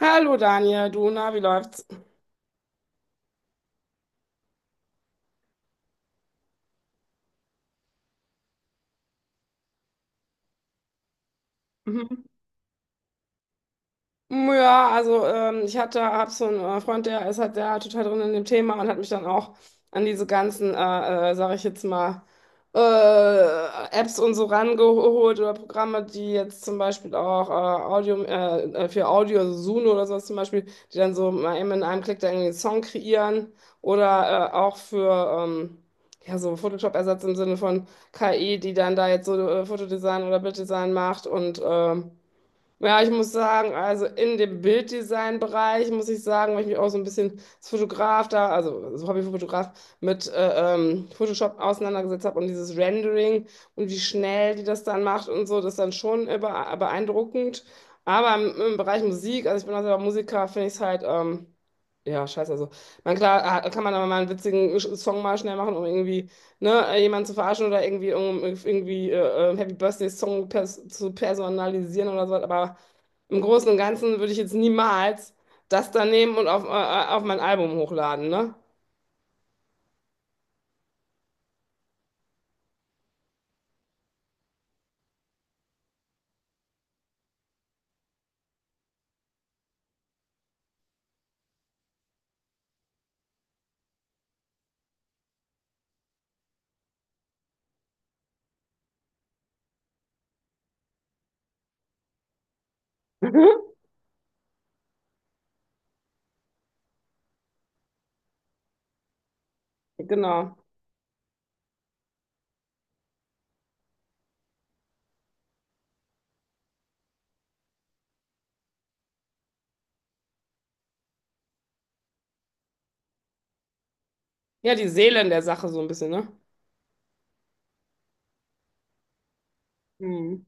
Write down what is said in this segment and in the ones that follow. Hallo Daniel, du, na, wie läuft's? Mhm. Mm, ja, also ich hab so einen Freund, der ist halt der total drin in dem Thema und hat mich dann auch an diese ganzen, sage ich jetzt mal, äh, Apps und so rangeholt oder Programme, die jetzt zum Beispiel auch Audio, für Audio, also Suno oder sowas zum Beispiel, die dann so mal eben in einem Klick da irgendwie einen Song kreieren oder auch für ja, so Photoshop-Ersatz im Sinne von KI, die dann da jetzt so Fotodesign oder Bilddesign macht und ja, ich muss sagen, also in dem Bilddesign-Bereich muss ich sagen, weil ich mich auch so ein bisschen als Fotograf da, also als Hobbyfotograf, mit Photoshop auseinandergesetzt habe und dieses Rendering und wie schnell die das dann macht und so, das ist dann schon beeindruckend. Aber im Bereich Musik, also ich bin auch selber Musiker, finde ich es halt, ja, scheiße. Also, man, klar, kann man aber mal einen witzigen Song mal schnell machen, um irgendwie, ne, jemanden zu verarschen oder irgendwie, um, irgendwie Happy Birthday Song pers zu personalisieren oder so, aber. Im Großen und Ganzen würde ich jetzt niemals das da nehmen und auf mein Album hochladen, ne? Genau. Ja, die Seele in der Sache so ein bisschen, ne? Hm.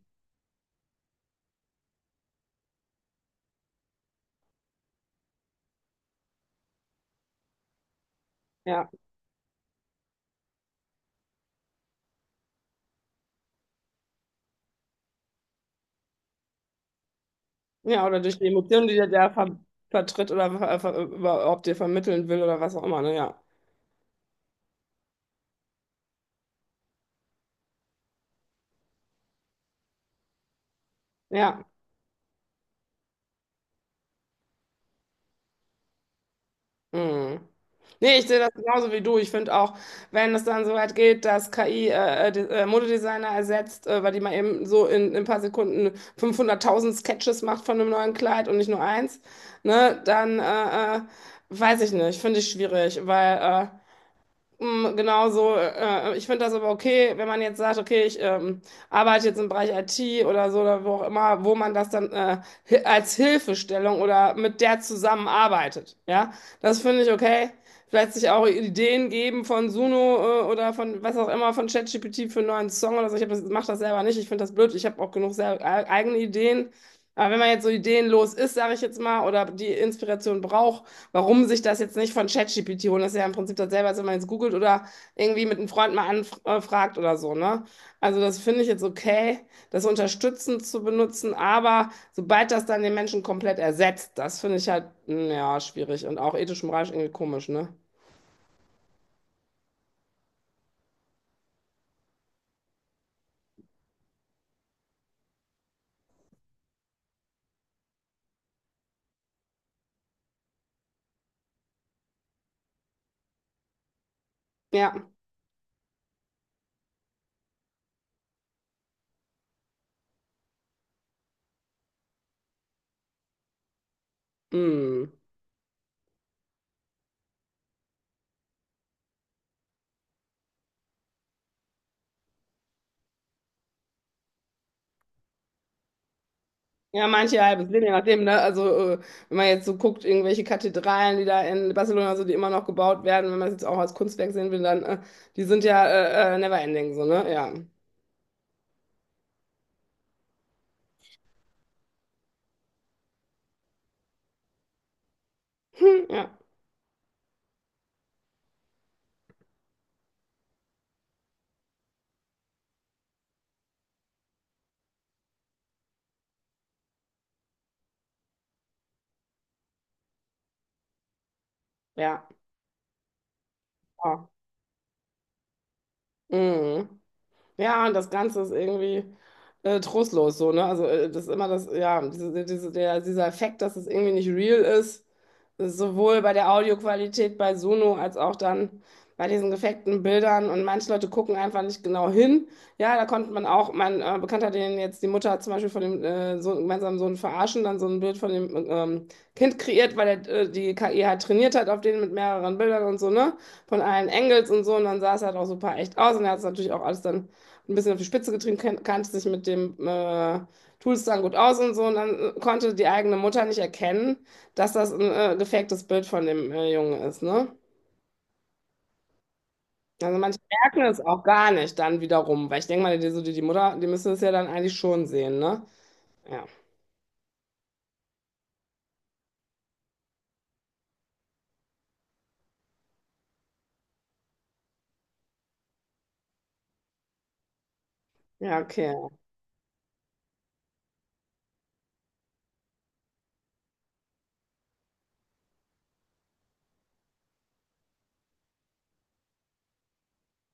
Ja. Ja, oder durch die Emotionen, die der da vertritt oder ver ver überhaupt dir vermitteln will oder was auch immer, ne? Ja. Ja. Mhm. Nee, ich sehe das genauso wie du. Ich finde auch, wenn es dann so weit geht, dass KI Modedesigner ersetzt, weil die mal eben so in ein paar Sekunden 500.000 Sketches macht von einem neuen Kleid und nicht nur eins, ne, dann weiß ich nicht, finde ich schwierig. Äh, Genau so. Ich finde das aber okay, wenn man jetzt sagt, okay, ich arbeite jetzt im Bereich IT oder so oder wo auch immer, wo man das dann als Hilfestellung oder mit der zusammenarbeitet. Ja, das finde ich okay. Vielleicht sich auch Ideen geben von Suno oder von was auch immer, von ChatGPT für einen neuen Song oder so. Ich hab das, mach das selber nicht. Ich finde das blöd. Ich habe auch genug eigene Ideen. Aber wenn man jetzt so ideenlos ist, sage ich jetzt mal, oder die Inspiration braucht, warum sich das jetzt nicht von ChatGPT holen. Das ist ja im Prinzip das selber, als wenn man jetzt googelt oder irgendwie mit einem Freund mal anfragt oder so, ne? Also das finde ich jetzt okay, das unterstützend zu benutzen, aber sobald das dann den Menschen komplett ersetzt, das finde ich halt, ja, schwierig und auch ethisch moralisch irgendwie komisch, ne? Ja. Mm. Ja, manche halbes Leben, je nachdem, ne? Also, äh, wenn man jetzt so guckt, irgendwelche Kathedralen, die da in Barcelona so, die immer noch gebaut werden, wenn man es jetzt auch als Kunstwerk sehen will, dann, die sind ja never ending, so, ne? Ja. Hm, ja. Ja. Oh. Mhm. Ja, und das Ganze ist irgendwie trostlos so, ne? Also das ist immer das, ja, dieser Effekt, dass es irgendwie nicht real ist, ist sowohl bei der Audioqualität bei Sono als auch dann bei diesen gefakten Bildern. Und manche Leute gucken einfach nicht genau hin. Ja, da konnte man auch, mein Bekannter, den jetzt die Mutter zum Beispiel von dem Sohn, gemeinsamen Sohn verarschen, dann so ein Bild von dem Kind kreiert, weil er die KI halt trainiert hat auf den mit mehreren Bildern und so, ne? Von allen Engels und so. Und dann sah es halt auch super echt aus. Und er hat es natürlich auch alles dann ein bisschen auf die Spitze getrieben, kannte sich mit dem Tools-Dann gut aus und so. Und dann konnte die eigene Mutter nicht erkennen, dass das ein gefaktes Bild von dem Jungen ist, ne? Also manche merken es auch gar nicht dann wiederum, weil ich denke mal, die Mutter, die müsste es ja dann eigentlich schon sehen, ne? Ja, ja, okay.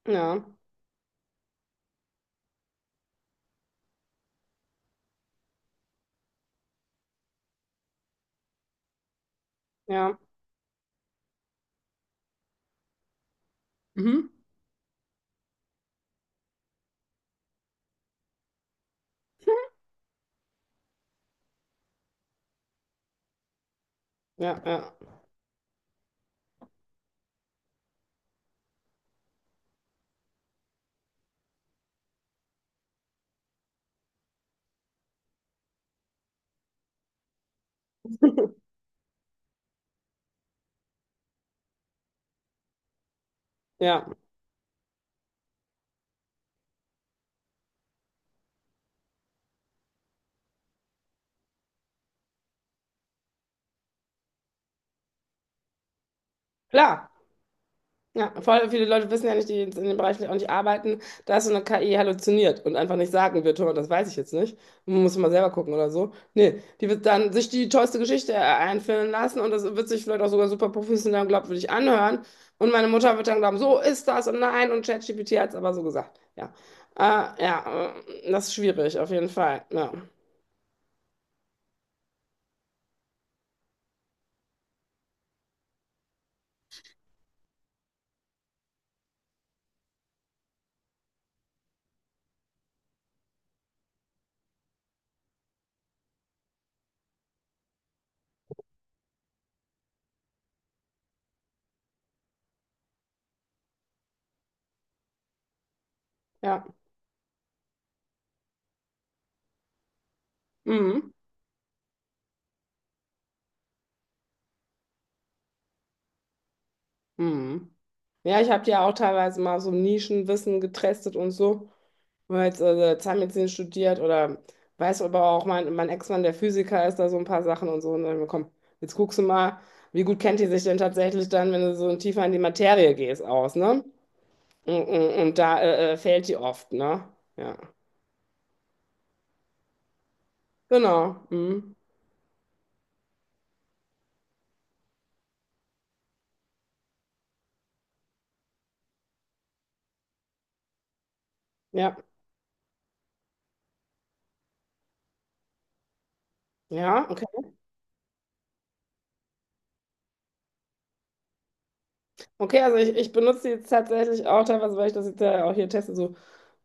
Ja, ja, mhm. Ja, ja, ja. Klar. Ja, voll viele Leute wissen ja nicht, die jetzt in dem Bereich auch nicht arbeiten, dass so eine KI halluziniert und einfach nicht sagen wird, hör mal, das weiß ich jetzt nicht. Muss mal selber gucken oder so. Nee, die wird dann sich die tollste Geschichte einfüllen lassen und das wird sich vielleicht auch sogar super professionell und glaubwürdig anhören. Und meine Mutter wird dann glauben, so ist das und nein und ChatGPT hat es aber so gesagt. Ja, ja, das ist schwierig auf jeden Fall. Ja, ja, mhm. Mhm. Ja, ich habe ja auch teilweise mal so Nischenwissen getestet und so. Weil habe jetzt Zahnmedizin studiert oder weiß aber auch, mein Ex-Mann, der Physiker, ist da so ein paar Sachen und so. Und dann, komm, jetzt guckst du mal, wie gut kennt die sich denn tatsächlich dann, wenn du so tiefer in die Materie gehst, aus, ne? Und da fehlt die oft, ne? Ja, genau. Mhm. Ja, ja. Okay. Okay, also ich benutze die jetzt tatsächlich auch teilweise, weil ich das jetzt ja auch hier teste, so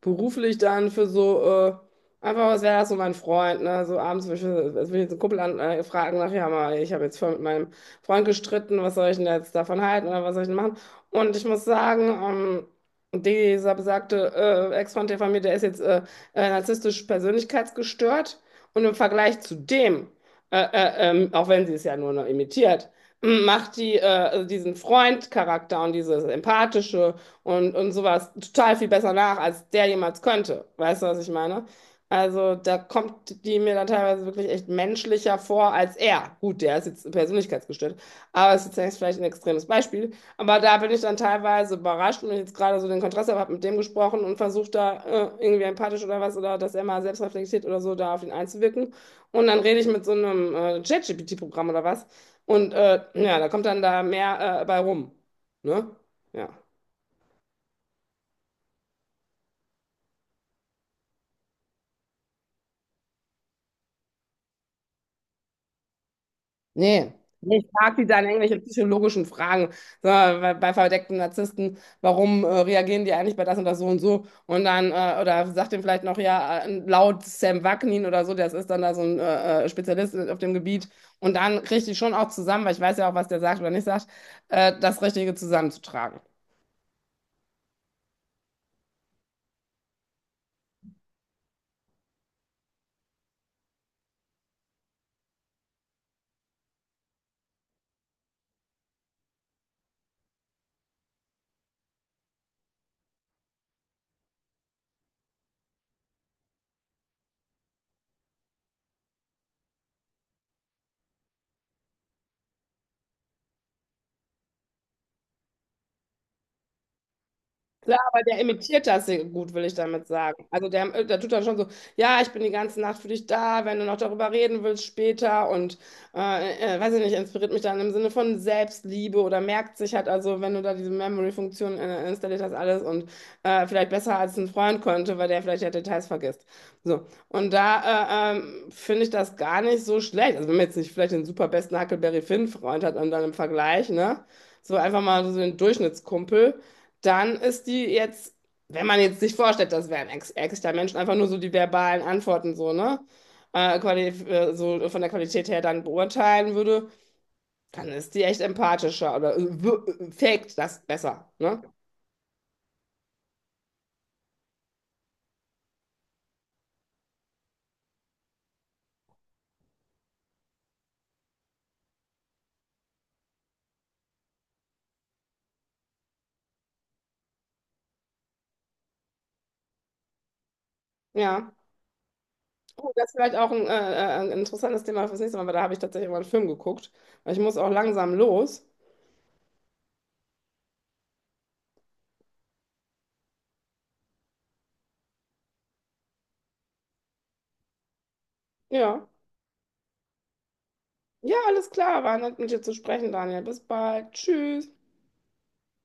beruflich dann für so, äh, einfach, was wäre das so mein Freund, ne? So abends will ich jetzt einen Kumpel fragen, nach, ja mal, ich habe jetzt voll mit meinem Freund gestritten, was soll ich denn jetzt davon halten oder was soll ich denn machen? Und ich muss sagen, dieser besagte Ex-Freund der von mir, der ist jetzt narzisstisch persönlichkeitsgestört und im Vergleich zu dem, auch wenn sie es ja nur noch imitiert, macht die, also diesen Freund-Charakter und dieses Empathische und sowas total viel besser nach, als der jemals könnte. Weißt du, was ich meine? Also da kommt die mir dann teilweise wirklich echt menschlicher vor als er. Gut, der ist jetzt persönlichkeitsgestört, aber es ist jetzt vielleicht ein extremes Beispiel. Aber da bin ich dann teilweise überrascht und wenn ich jetzt gerade so den Kontrast habe, habe mit dem gesprochen und versucht da irgendwie empathisch oder was oder dass er mal selbst reflektiert oder so da auf ihn einzuwirken. Und dann rede ich mit so einem ChatGPT-Programm oder was und ja, da kommt dann da mehr bei rum. Ne? Ja. Nee. Nee, ich frage die dann irgendwelche psychologischen Fragen. So, bei verdeckten Narzissten, warum reagieren die eigentlich bei das und das so und so? Und dann, oder sagt dem vielleicht noch, ja, laut Sam Vaknin oder so, das ist dann da so ein Spezialist auf dem Gebiet. Und dann kriege ich die schon auch zusammen, weil ich weiß ja auch, was der sagt oder nicht sagt, das Richtige zusammenzutragen. Klar, aber der imitiert das sehr gut, will ich damit sagen. Also der tut dann schon so, ja, ich bin die ganze Nacht für dich da, wenn du noch darüber reden willst später und weiß ich nicht, inspiriert mich dann im Sinne von Selbstliebe oder merkt sich halt, also wenn du da diese Memory-Funktion installiert hast, alles und vielleicht besser als ein Freund könnte, weil der vielleicht ja Details vergisst. So, und da finde ich das gar nicht so schlecht. Also wenn man jetzt nicht vielleicht den super besten Huckleberry Finn-Freund hat und dann im Vergleich, ne? So einfach mal so den Durchschnittskumpel dann ist die jetzt, wenn man jetzt sich vorstellt, das wären ex echter Menschen, einfach nur so die verbalen Antworten so, ne? So von der Qualität her dann beurteilen würde, dann ist die echt empathischer oder faked das besser, ne? Ja. Oh, das ist vielleicht auch ein interessantes Thema fürs nächste Mal, weil da habe ich tatsächlich mal einen Film geguckt. Weil ich muss auch langsam los. Ja. Ja, alles klar. War nett, mit dir zu sprechen, Daniel. Bis bald. Tschüss.